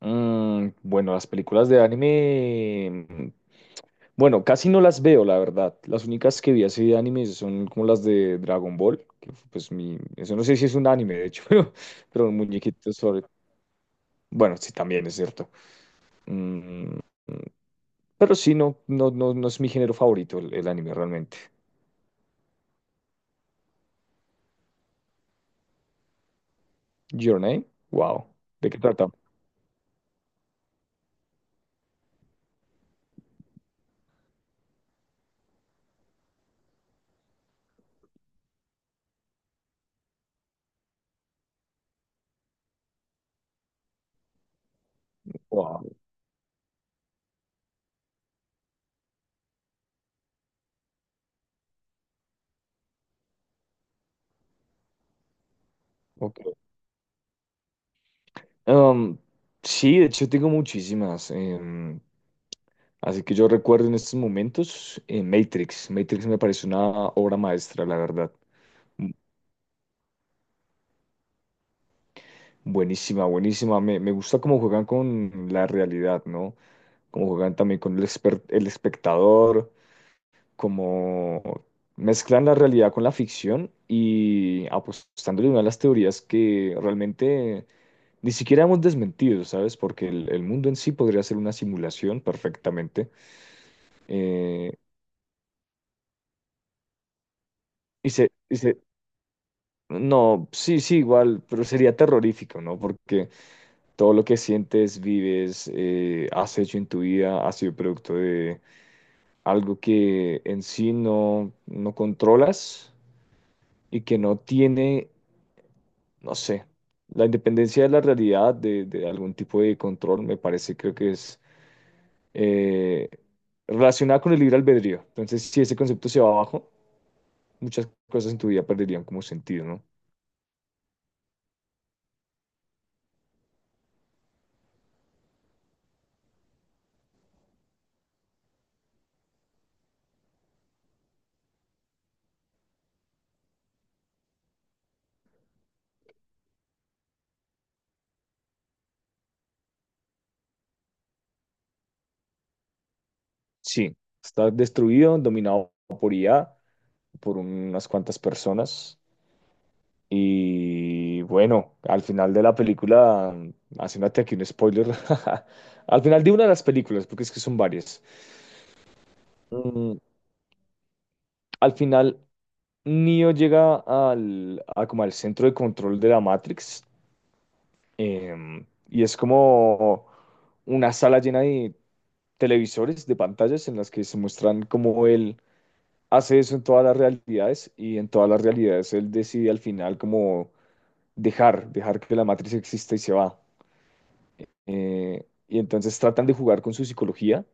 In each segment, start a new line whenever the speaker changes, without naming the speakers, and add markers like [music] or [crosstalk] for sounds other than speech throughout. Bueno, las películas de anime, bueno, casi no las veo, la verdad. Las únicas que vi así de anime son como las de Dragon Ball, que fue, pues mi, eso no sé si es un anime, de hecho, [laughs] pero un muñequito sobre, bueno, sí, también es cierto. Mm, pero sí, no, no, no, no es mi género favorito el anime realmente. Your Name, wow, ¿de qué trata? Wow, ok. Um, sí, de hecho tengo muchísimas. Así que yo recuerdo en estos momentos Matrix. Matrix me parece una obra maestra, la verdad. Bu- Buenísima, buenísima. Me gusta cómo juegan con la realidad, ¿no? Cómo juegan también con el espectador, cómo mezclan la realidad con la ficción y apostándole una de las teorías que realmente ni siquiera hemos desmentido, ¿sabes? Porque el mundo en sí podría ser una simulación perfectamente. Eh, y se, y se- No, sí, sí, igual, pero sería terrorífico, ¿no? Porque todo lo que sientes, vives, has hecho en tu vida ha sido producto de algo que en sí no controlas y que no tiene, no sé, la independencia de la realidad, de algún tipo de control, me parece, creo que es eh, relacionada con el libre albedrío. Entonces, si ese concepto se va abajo, muchas cosas en tu vida perderían como sentido, ¿no? Sí, está destruido, dominado por IA, por unas cuantas personas. Y bueno, al final de la película, haciéndote aquí un spoiler, [laughs] al final de una de las películas, porque es que son varias, mm, al final Neo llega a como al centro de control de la Matrix, y es como una sala llena de televisores, de pantallas en las que se muestran cómo él hace eso en todas las realidades y en todas las realidades él decide al final como dejar que la matriz exista y se va. Y entonces tratan de jugar con su psicología,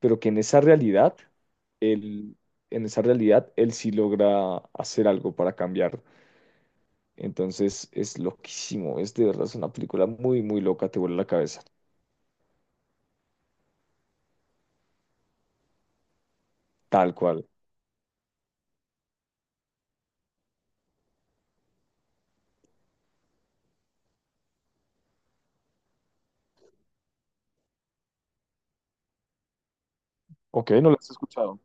pero que en esa realidad, él, en esa realidad, él sí logra hacer algo para cambiar. Entonces es loquísimo, es de verdad es una película muy, muy loca, te vuela la cabeza, tal cual. Ok, no la has escuchado.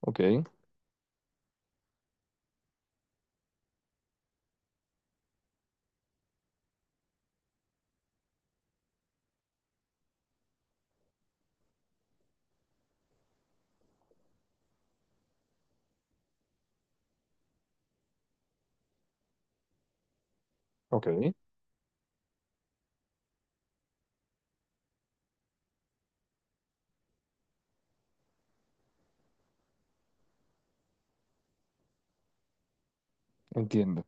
Ok, ok, entiendo.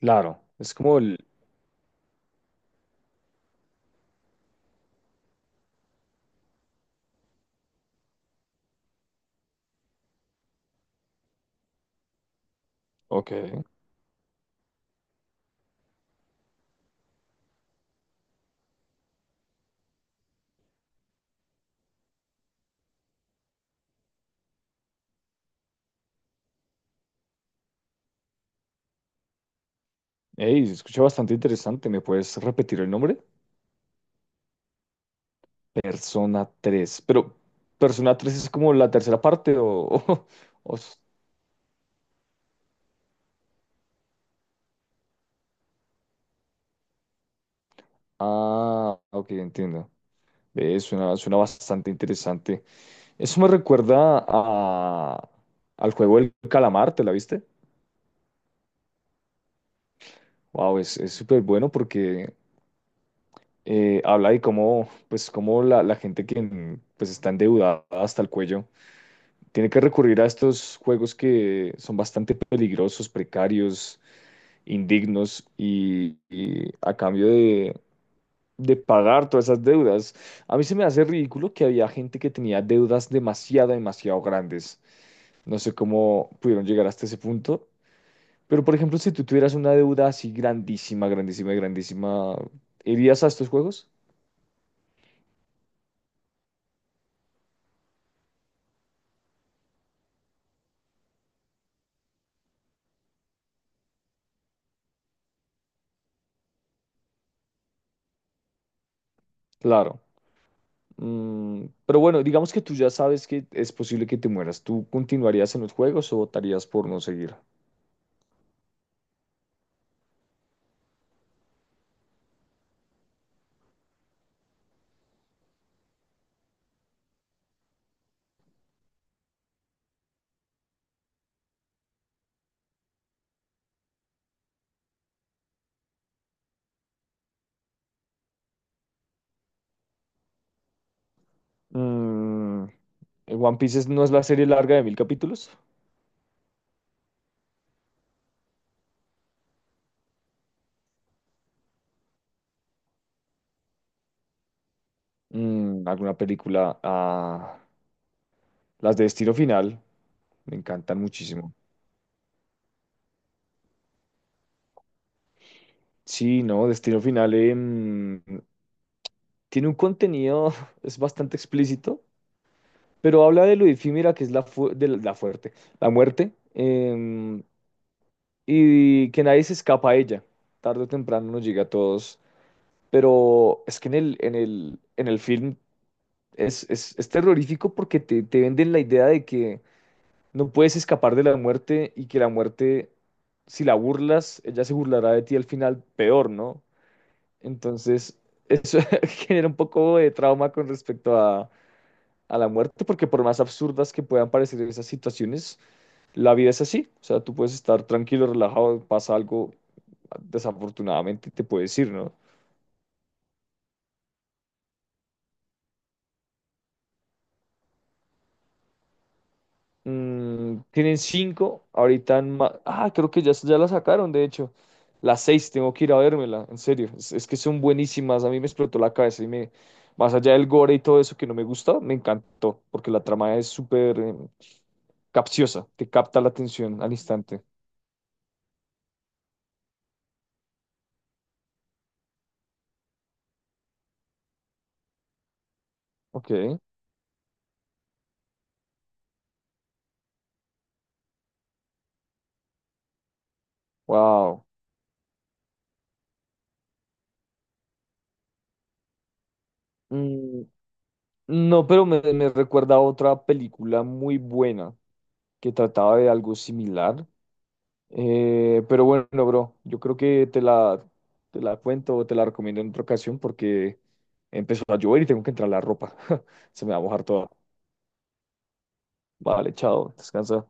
Claro, es como el... Ok, hey, se escucha bastante interesante, ¿me puedes repetir el nombre? Persona 3. Pero, ¿Persona 3 es como la tercera parte o...? O s- ah, ok, entiendo. Ve, suena, suena bastante interesante. Eso me recuerda a, al juego del calamar, ¿te la viste? Wow, es súper bueno porque habla de cómo, pues, cómo la gente que pues, está endeudada hasta el cuello tiene que recurrir a estos juegos que son bastante peligrosos, precarios, indignos y a cambio de pagar todas esas deudas. A mí se me hace ridículo que había gente que tenía deudas demasiado, demasiado grandes. No sé cómo pudieron llegar hasta ese punto, pero por ejemplo, si tú tuvieras una deuda así grandísima, grandísima, grandísima, ¿irías a estos juegos? Claro. Pero bueno, digamos que tú ya sabes que es posible que te mueras. ¿Tú continuarías en los juegos o votarías por no seguir? Mm, One Piece, ¿no es la serie larga de 1000 capítulos? Alguna película. Ah, las de Destino Final me encantan muchísimo. Sí, no, Destino Final tiene un contenido, [laughs] es bastante explícito, pero habla de lo efímera que es la fuerte, la muerte, y que nadie se escapa a ella. Tarde o temprano nos llega a todos, pero es que en en el film es terrorífico porque te venden la idea de que no puedes escapar de la muerte, y que la muerte, si la burlas, ella se burlará de ti al final peor, ¿no? Entonces, eso [laughs] genera un poco de trauma con respecto a la muerte, porque por más absurdas que puedan parecer esas situaciones, la vida es así. O sea, tú puedes estar tranquilo, relajado, pasa algo, desafortunadamente te puedes ir, ¿no? Tienen 5, ahorita en ah, creo que ya, ya la sacaron, de hecho. Las 6, tengo que ir a vérmela, en serio. Es que son buenísimas, a mí me explotó la cabeza y me... Más allá del gore y todo eso que no me gusta, me encantó, porque la trama es súper capciosa, te capta la atención al instante. Ok, wow. Mm, no, pero me recuerda a otra película muy buena que trataba de algo similar. Pero bueno, bro, yo creo que te la cuento o te la recomiendo en otra ocasión porque empezó a llover y tengo que entrar la ropa. [laughs] Se me va a mojar toda. Vale, chao, descansa.